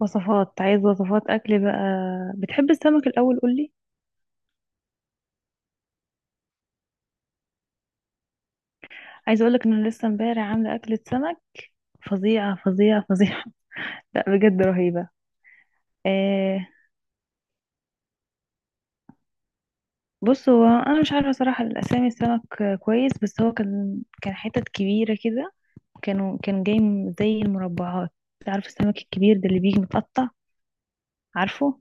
عايز وصفات اكل بقى. بتحب السمك الاول؟ قولي. عايزه اقولك ان انا لسه امبارح عامله اكله سمك فظيعه فظيعه فظيعه. لا بجد رهيبه. آه، بص هو انا مش عارفه صراحه الاسامي. السمك كويس، بس هو كان حتت كبيره كده. كان جاي زي المربعات. عارف السمك الكبير ده اللي بيجي متقطع؟ عارفه؟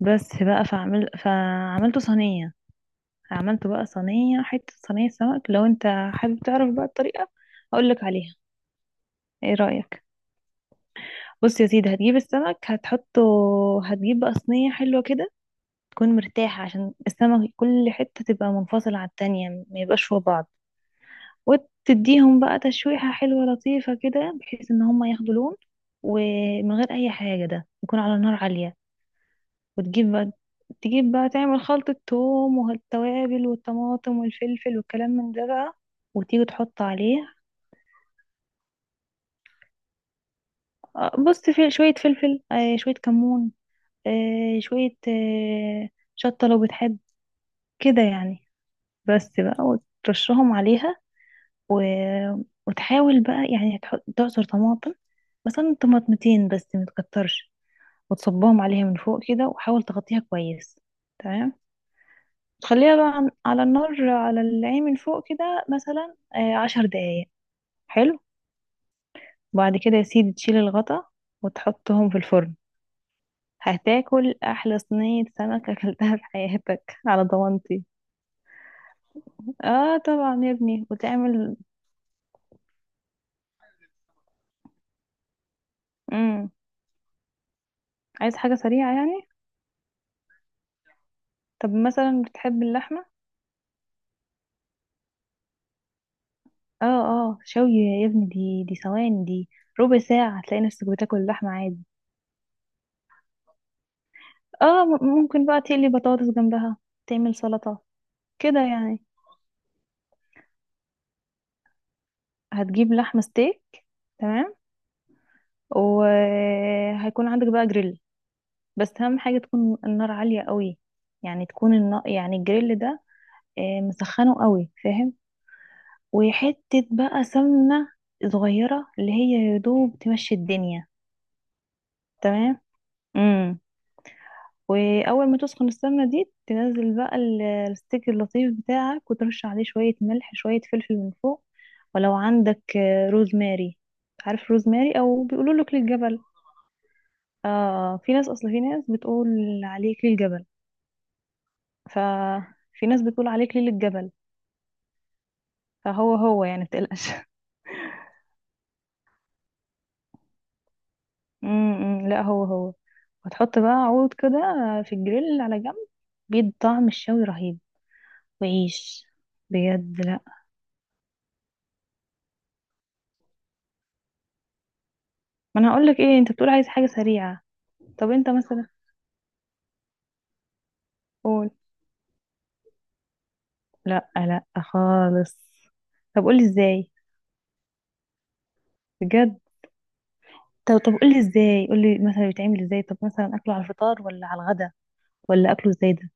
بس بقى، فعملته صينيه. عملته بقى صينيه، صينيه سمك. لو انت حابب تعرف بقى الطريقه اقولك عليها، ايه رايك؟ بص يا سيدي، هتجيب السمك هتحطه. هتجيب بقى صينية حلوة كده، تكون مرتاحة، عشان السمك كل حتة تبقى منفصلة عن التانية، ما يبقاش فوق بعض. وتديهم بقى تشويحة حلوة لطيفة كده، بحيث ان هما ياخدوا لون، ومن غير اي حاجة. ده يكون على نار عالية. وتجيب بقى تجيب بقى تعمل خلطة توم والتوابل والطماطم والفلفل والكلام من ده بقى، وتيجي تحط عليه. بص، في شوية فلفل، شوية كمون، آه، شوية آه، شطة لو بتحب، كده يعني. بس بقى، وترشهم عليها و... وتحاول بقى يعني تحط تعصر طماطم، مثلا طماطمتين بس متكترش، وتصبهم عليها من فوق كده، وحاول تغطيها كويس، تمام. تخليها بقى على النار على العين من فوق كده، مثلا 10 دقايق. حلو. بعد كده يا سيدي تشيل الغطا وتحطهم في الفرن. هتاكل احلى صينية سمك اكلتها في حياتك على ضمانتي. اه طبعا يا ابني، وتعمل. امم، عايز حاجة سريعة يعني؟ طب مثلا بتحب اللحمة؟ اه اه، شوي يا ابني، دي ثواني دي، ربع ساعة هتلاقي نفسك بتاكل اللحمة عادي. اه، ممكن بقى تقلي بطاطس جنبها، تعمل سلطة، كده يعني. هتجيب لحمة ستيك، تمام. وهيكون عندك بقى جريل، بس أهم حاجة تكون النار عالية قوي. يعني تكون النار، يعني الجريل ده مسخنه قوي، فاهم. وحتة بقى سمنة صغيرة، اللي هي يدوب تمشي الدنيا. تمام. مم. واول ما تسخن السمنه دي، تنزل بقى الستيك اللطيف بتاعك، وترش عليه شويه ملح، شويه فلفل من فوق. ولو عندك روزماري، عارف روزماري، او بيقولوا له كل الجبل. اه، في ناس، اصل في ناس بتقول عليه كل الجبل. ففي ناس بتقول عليه كل الجبل، فهو هو يعني، متقلقش. امم، لا، هو هو. وتحط بقى عود كده في الجريل على جنب، بيدي طعم الشوي رهيب. وعيش، بجد، لا. ما انا هقول لك ايه، انت بتقول عايز حاجه سريعه. طب انت مثلا قول. لا لا خالص. طب قولي ازاي؟ بجد؟ طب قولي ازاي، قولي مثلا بيتعمل ازاي، طب مثلا اكله على الفطار ولا على الغدا، ولا اكله ازاي ده؟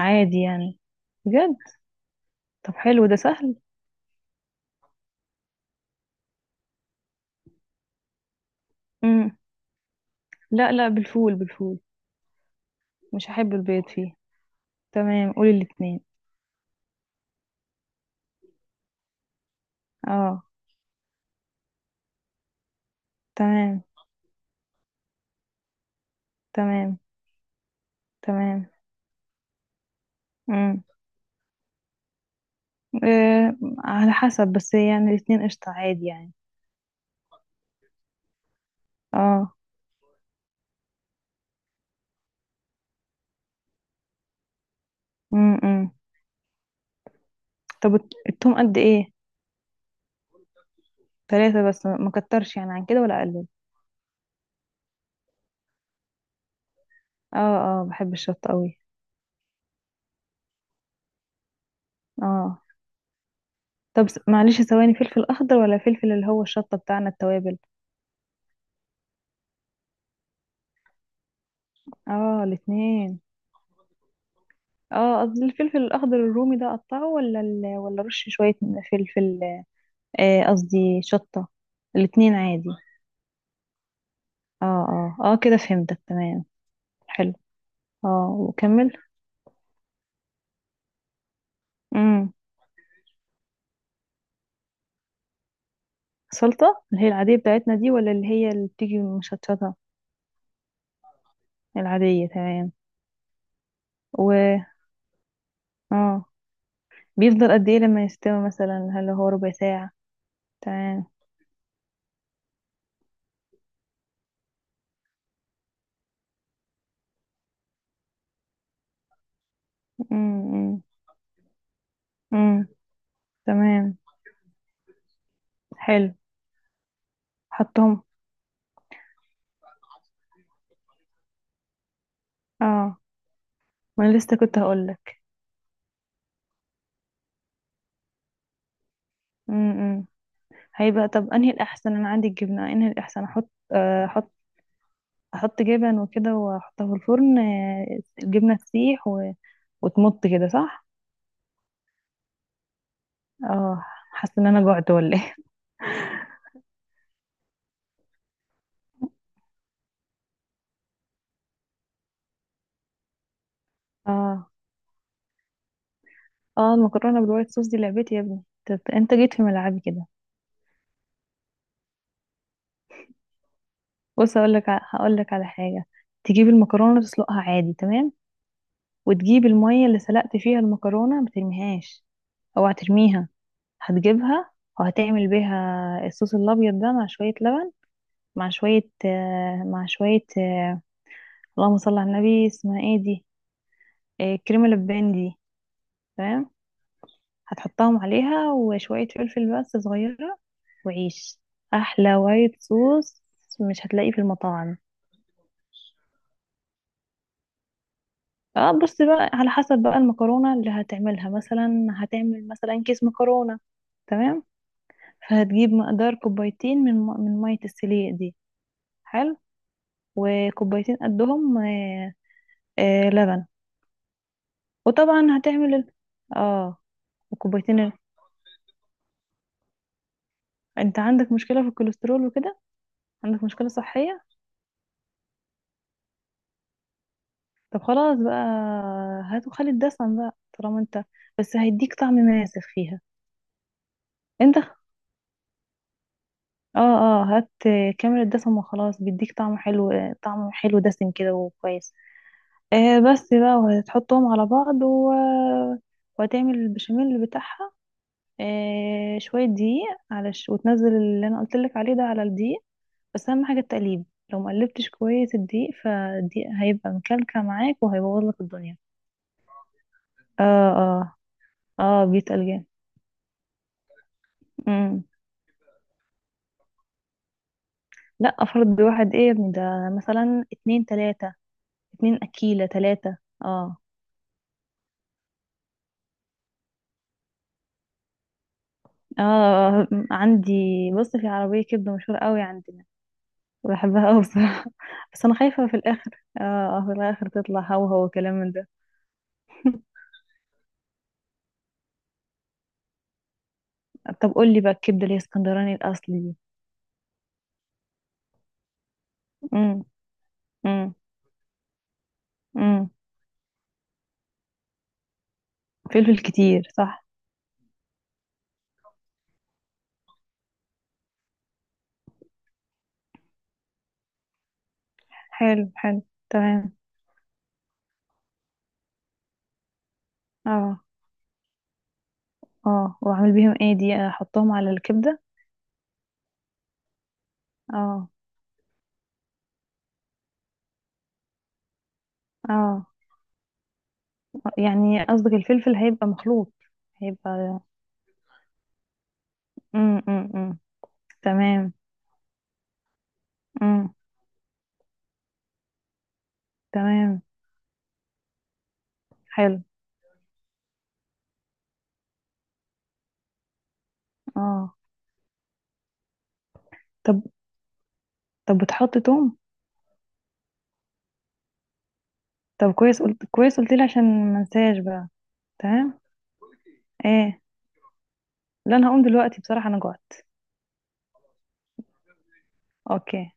عادي يعني؟ بجد؟ طب حلو، ده سهل. امم، لا لا، بالفول، بالفول. مش هحب البيض فيه. تمام، قولي الاتنين. اه. تمام تمام تمام. امم. إيه، على حسب، بس يعني الاتنين قشطة، عادي يعني. اه. امم. طب التوم قد ايه؟ 3 بس، ما كترش يعني عن كده ولا اقلل؟ اه اه، بحب الشطة قوي. اه. طب معلش ثواني، فلفل اخضر، ولا فلفل اللي هو الشطة بتاعنا التوابل؟ اه الاتنين. اه قصدي الفلفل الاخضر الرومي ده، اقطعه؟ ولا ال... ولا رش شوية فلفل؟ قصدي شطة. الاتنين عادي. اه اه اه كده فهمتك، تمام. حلو. اه، وكمل. امم. سلطة اللي هي العادية بتاعتنا دي، ولا اللي هي اللي بتيجي مشطشطة؟ العادية، تمام. و... اه. بيفضل قد ايه لما يستوي، مثلا هل هو ربع ساعة؟ تمام. امم امم. تمام. حلو. حطهم. اه، ما انا لسه كنت هقول لك. امم. هيبقى. طب، انهي الاحسن، انا عندي الجبنة، انهي الاحسن احط، احط. احط جبن وكده واحطها في الفرن، الجبنة تسيح و... وتمط كده، صح؟ اه. حاسة ان انا جوعت ولا ايه؟ اه. اه، المكرونة بالوايت صوص دي لعبتي يا ابني، طب انت جيت في ملعبي كده. بص هقول لك، على حاجه. تجيب المكرونه تسلقها عادي، تمام. وتجيب الميه اللي سلقت فيها المكرونه، ما ترميهاش، اوعى ترميها. هتجيبها وهتعمل بيها الصوص الابيض ده، مع شويه لبن، مع شويه اللهم صل على النبي، اسمها ايه دي، كريمه لبان دي. تمام. هتحطهم عليها، وشويه فلفل بس صغيره. وعيش احلى وايت صوص مش هتلاقيه في المطاعم. اه، بصي بقى، على حسب بقى المكرونة اللي هتعملها. مثلا هتعمل مثلا كيس مكرونة، تمام. فهتجيب مقدار كوبايتين من مية السليق دي، حلو. وكوبايتين قدهم، آه آه، لبن. وطبعا هتعمل ال... اه. وكوبايتين ال... انت عندك مشكلة في الكوليسترول وكده؟ عندك مشكلة صحية؟ طب خلاص بقى، هات وخلي الدسم بقى طالما انت، بس هيديك طعم ماسخ فيها. انت اه اه، هات كاميرا دسم وخلاص، بيديك طعم حلو، طعم حلو دسم كده وكويس. آه بس بقى، وهتحطهم على بعض و... وهتعمل البشاميل بتاعها. آه، شوية دقيق على ش... وتنزل اللي انا قلت لك عليه ده على الدقيق. بس اهم حاجة التقليب. لو مقلبتش كويس الدقيق، فالدقيق هيبقى مكلكع معاك وهيبوظ لك الدنيا. اه اه اه، بيتقل جامد. مم. لا فرد واحد ايه يا ابني ده، مثلا اتنين تلاتة، اتنين اكيلة تلاتة. اه اه عندي. بص، في عربية كبدة مشهورة قوي عندنا، بحبها قوي بصراحة. بس انا خايفة في الاخر اه في الاخر تطلع هو هو كلام من ده. طب قول لي بقى الكبدة اللي هي اسكندراني الاصلي دي. امم امم امم. فلفل كتير صح. حلو حلو. تمام. اه. اه، واعمل بيهم ايه، دي احطهم على الكبدة؟ اه اه، يعني قصدك الفلفل هيبقى مخلوط، هيبقى. أمم. تمام. امم. تمام. حلو. اه. طب طب، بتحط توم؟ طب كويس، قلت كويس، قلت لي عشان ما انساش بقى. تمام. ايه. لا انا هقوم دلوقتي بصراحة، انا جوعت. اوكي.